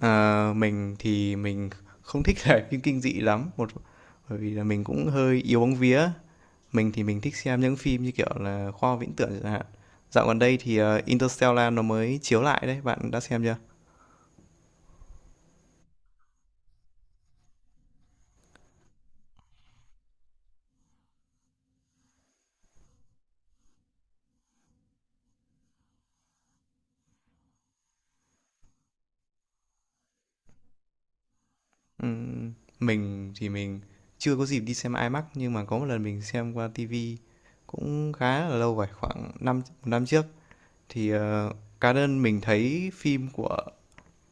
Ờ, mình thì mình không thích xem phim kinh dị lắm, một bởi vì là mình cũng hơi yếu bóng vía. Mình thì mình thích xem những phim như kiểu là khoa học viễn tưởng chẳng hạn. Dạo gần đây thì Interstellar nó mới chiếu lại đấy, bạn đã xem chưa? Ừm, mình thì mình chưa có dịp đi xem IMAX nhưng mà có một lần mình xem qua TV cũng khá là lâu rồi, khoảng năm một năm trước thì cá nhân mình thấy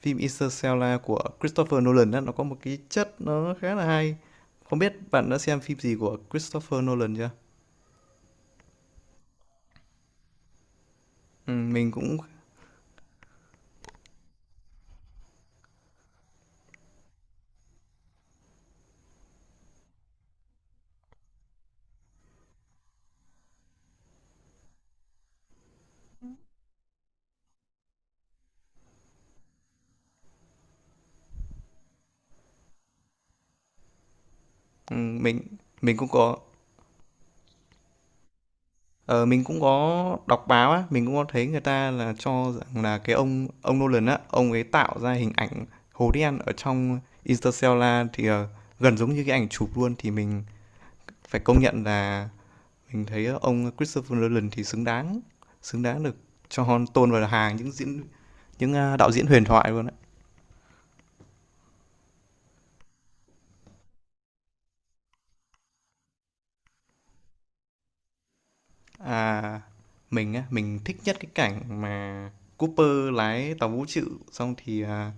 Phim Interstellar của Christopher Nolan đó nó có một cái chất nó khá là hay. Không biết bạn đã xem phim gì của Christopher Nolan chưa? Ừ, mình cũng ừ, mình mình cũng có ờ, mình cũng có đọc báo á, mình cũng có thấy người ta là cho rằng là cái ông Nolan á, ông ấy tạo ra hình ảnh hố đen ở trong Interstellar thì gần giống như cái ảnh chụp luôn thì mình phải công nhận là mình thấy ông Christopher Nolan thì xứng đáng được cho tôn vào hàng những đạo diễn huyền thoại luôn đấy. À, mình á, mình thích nhất cái cảnh mà Cooper lái tàu vũ trụ xong thì à,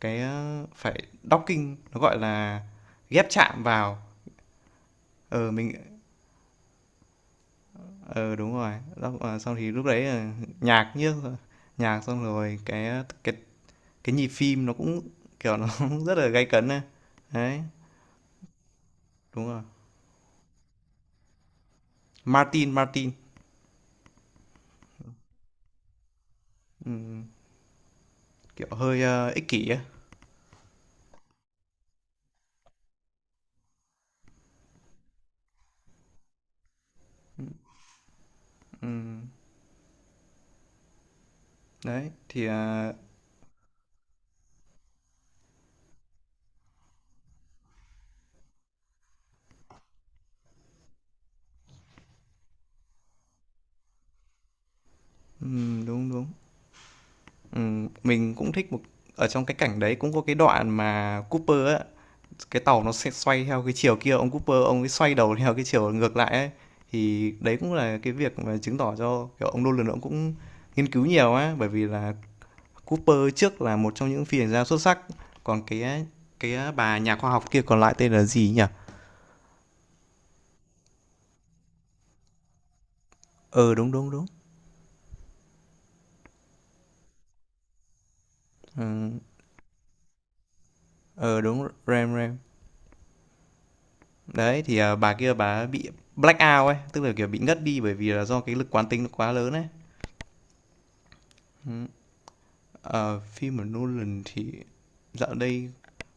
cái ờ, phải docking nó gọi là ghép chạm vào. Ờ mình ờ Đúng rồi. Đó, xong thì lúc đấy nhạc như xong rồi cái ờ, cái nhịp phim nó cũng kiểu nó rất là gay cấn. Đấy, đúng rồi. Martin, Martin. Ừm, Kiểu hơi, ơ, ích kỷ á. Ừm, Đấy, thì, đúng, đúng. Mình cũng thích ở trong cái cảnh đấy cũng có cái đoạn mà Cooper á, cái tàu nó sẽ xoay theo cái chiều kia, ông Cooper ông ấy xoay đầu theo cái chiều ngược lại ấy. Thì đấy cũng là cái việc mà chứng tỏ cho, kiểu, ông Nolan ông cũng nghiên cứu nhiều á, bởi vì là Cooper trước là một trong những phi hành gia xuất sắc, còn cái bà nhà khoa học kia còn lại tên là gì nhỉ? Ừ, đúng, đúng, đúng. Ờ. Ờ, đúng. RAM, RAM. Đấy, thì, bà kia bà bị black out ấy, tức là, kiểu, bị ngất đi bởi vì là do cái lực quán tính nó quá lớn ấy. Ừm, Phim của Nolan thì dạo đây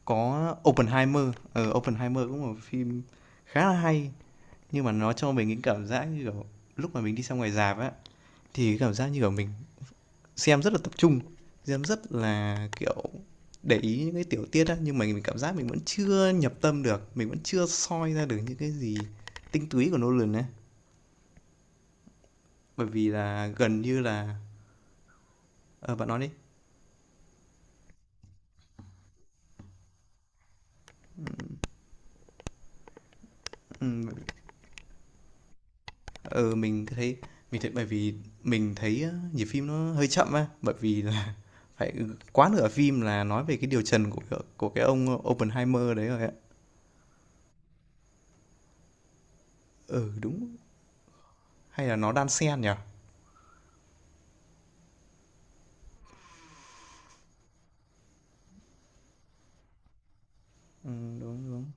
có Oppenheimer. Ờ, Oppenheimer cũng là một phim khá là hay, nhưng mà nó cho mình những cảm giác như, kiểu, lúc mà mình đi xem ngoài rạp á, thì cái cảm giác như, kiểu, mình xem rất là tập trung, xem rất là, kiểu, để ý những cái tiểu tiết á, nhưng mà mình cảm giác mình vẫn chưa nhập tâm được, mình vẫn chưa soi ra được những cái gì tinh túy của Nolan ấy, bởi vì là gần như là ờ, bạn nói đi. Ừm, ừ, ờ, mình thấy mình thấy bởi vì mình thấy á, nhịp phim nó hơi chậm á, bởi vì là phải quá nửa phim là nói về cái điều trần của cái ông Oppenheimer đấy rồi ạ. Ừ, đúng, hay là nó đan xen nhỉ? Đúng, đúng,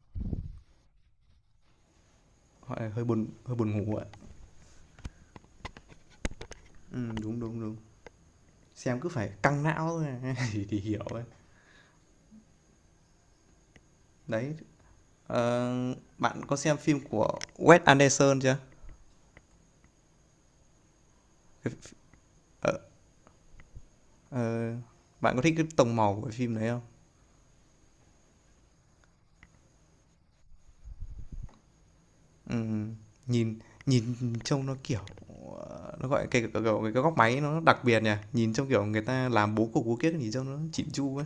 gọi hơi buồn ngủ ạ. Đúng, đúng, đúng. Xem cứ phải căng não thôi thì hiểu ấy. Đấy, ờ, bạn có xem phim của Wes Anderson chưa? Cái ph ờ, ờ, Bạn có thích cái tông màu của cái phim đấy không? Ừm, nhìn nhìn trông nó, kiểu, nó, gọi, cái kiểu, cái góc máy nó đặc biệt nhỉ? Nhìn trông, kiểu, người ta làm bố cục bố kiếc nhìn trông nó chỉn chu ấy.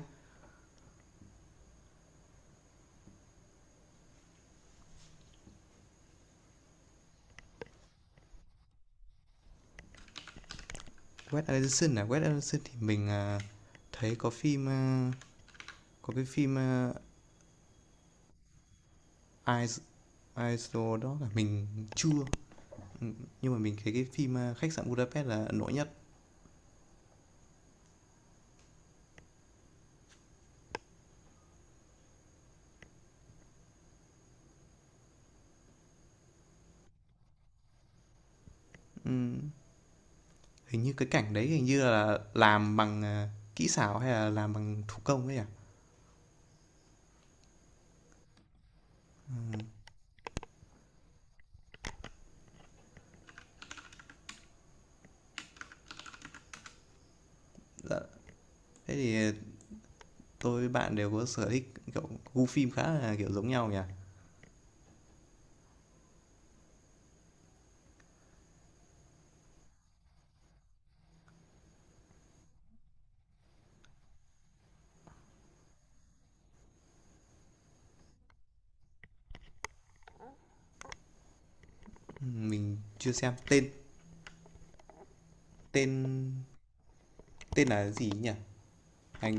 Wes Anderson à? Wes Anderson thì mình, thấy có cái phim, Eyes Eyes Jewel đó là mình chưa. Ừ, nhưng mà mình thấy cái phim, Khách sạn Budapest là ấn tượng nhất. Ừm, Hình như cái cảnh đấy hình như là làm bằng, kỹ xảo hay là làm bằng thủ công ấy nhỉ? Dạ, thế thì, tôi với bạn đều có sở thích, kiểu, gu phim khá là, kiểu, giống nhau nhỉ? Mình chưa xem. Tên tên tên là gì nhỉ? anh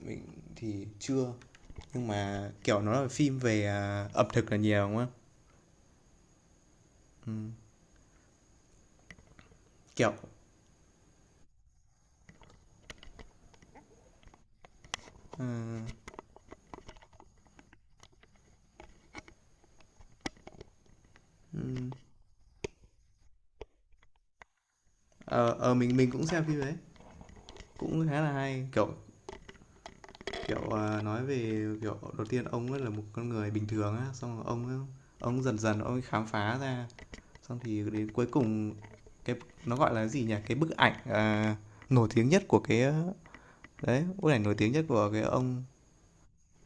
mình thì chưa, nhưng mà, kiểu, nó là phim về, ẩm thực là nhiều, đúng không? Kiểu, ờ, ừm, mình cũng xem phim đấy, cũng khá là hay. Kiểu, Kiểu, nói về, kiểu, đầu tiên ông ấy là một con người bình thường á, xong rồi ông dần dần ông ấy khám phá ra, xong thì đến cuối cùng cái nó gọi là gì nhỉ? Cái bức ảnh, nổi tiếng nhất của đấy, bức ảnh nổi tiếng nhất của cái ông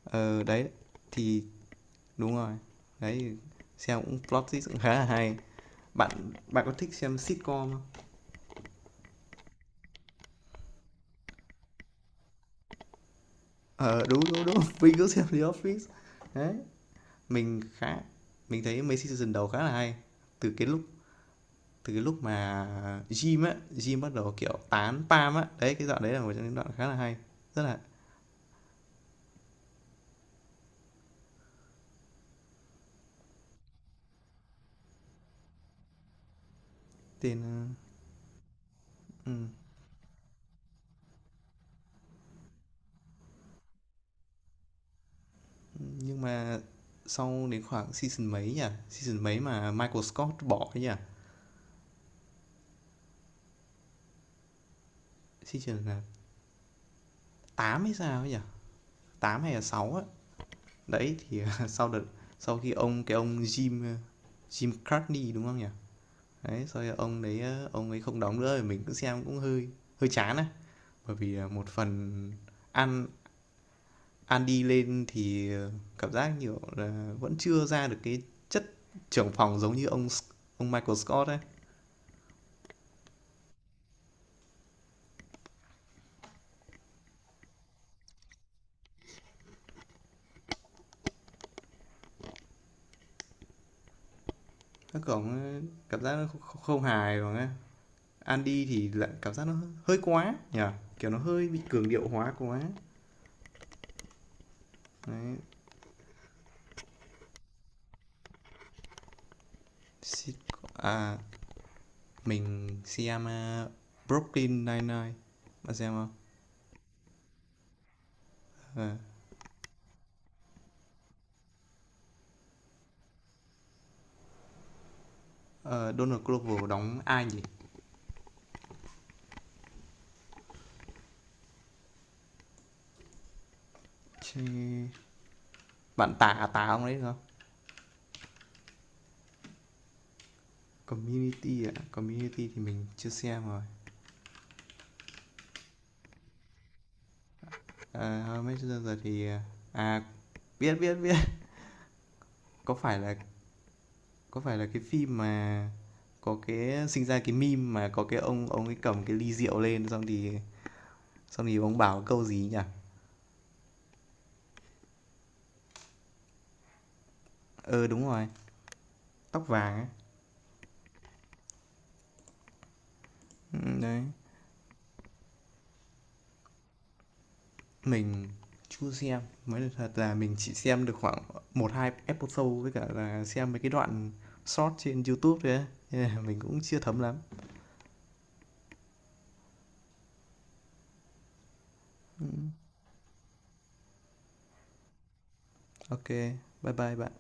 ờ, đấy, thì đúng rồi. Đấy, thì xem cũng plot twist cũng khá là hay. Bạn bạn có thích xem sitcom không? Ờ, đúng, đúng, đúng, mình cũng xem The Office. Đấy, mình khá mình thấy mấy season đầu khá là hay. Từ cái lúc Từ cái lúc mà Jim á, Jim bắt đầu kiểu tán Pam á, đấy cái đoạn đấy là một trong những đoạn khá là hay, rất là tên ờ, ừ. Nhưng mà sau đến khoảng season mấy mà Michael Scott bỏ ấy nhỉ, season là 8 hay sao ấy nhỉ, 8 hay là 6 á, đấy thì sau đợt sau khi ông cái ông Jim Jim Cartney đúng không nhỉ, đấy sau đó ông đấy ông ấy không đóng nữa thì mình cũng xem cũng hơi hơi chán á, bởi vì một phần ăn ăn đi lên thì cảm giác, nhiều là, vẫn chưa ra được cái chất trưởng phòng giống như ông Michael Scott ấy. Các cổng Cảm giác nó kh không hài bằng á. Andy thì lại cảm giác nó hơi quá nhỉ? Kiểu nó hơi bị cường điệu hóa quá. Đấy, à, mình xem, Brooklyn Nine-Nine, bạn xem không? Ờ, ờ, Donald Glover đóng ai nhỉ? Tà ông đấy đúng không? Community ạ, à? Community thì mình chưa xem rồi. À, How I thì à à, biết biết biết. Có phải là có phải là cái phim mà có cái sinh ra cái meme mà có cái ông ấy cầm cái ly rượu lên xong thì ông bảo câu gì nhỉ? Ờ đúng rồi, tóc vàng ấy. Ừ, đấy, mình chưa xem. Mới là thật là mình chỉ xem được khoảng một hai episode với cả là xem mấy cái đoạn short trên YouTube thôi ấy. Nên là mình cũng chưa thấm lắm. Ok, bye bye bạn.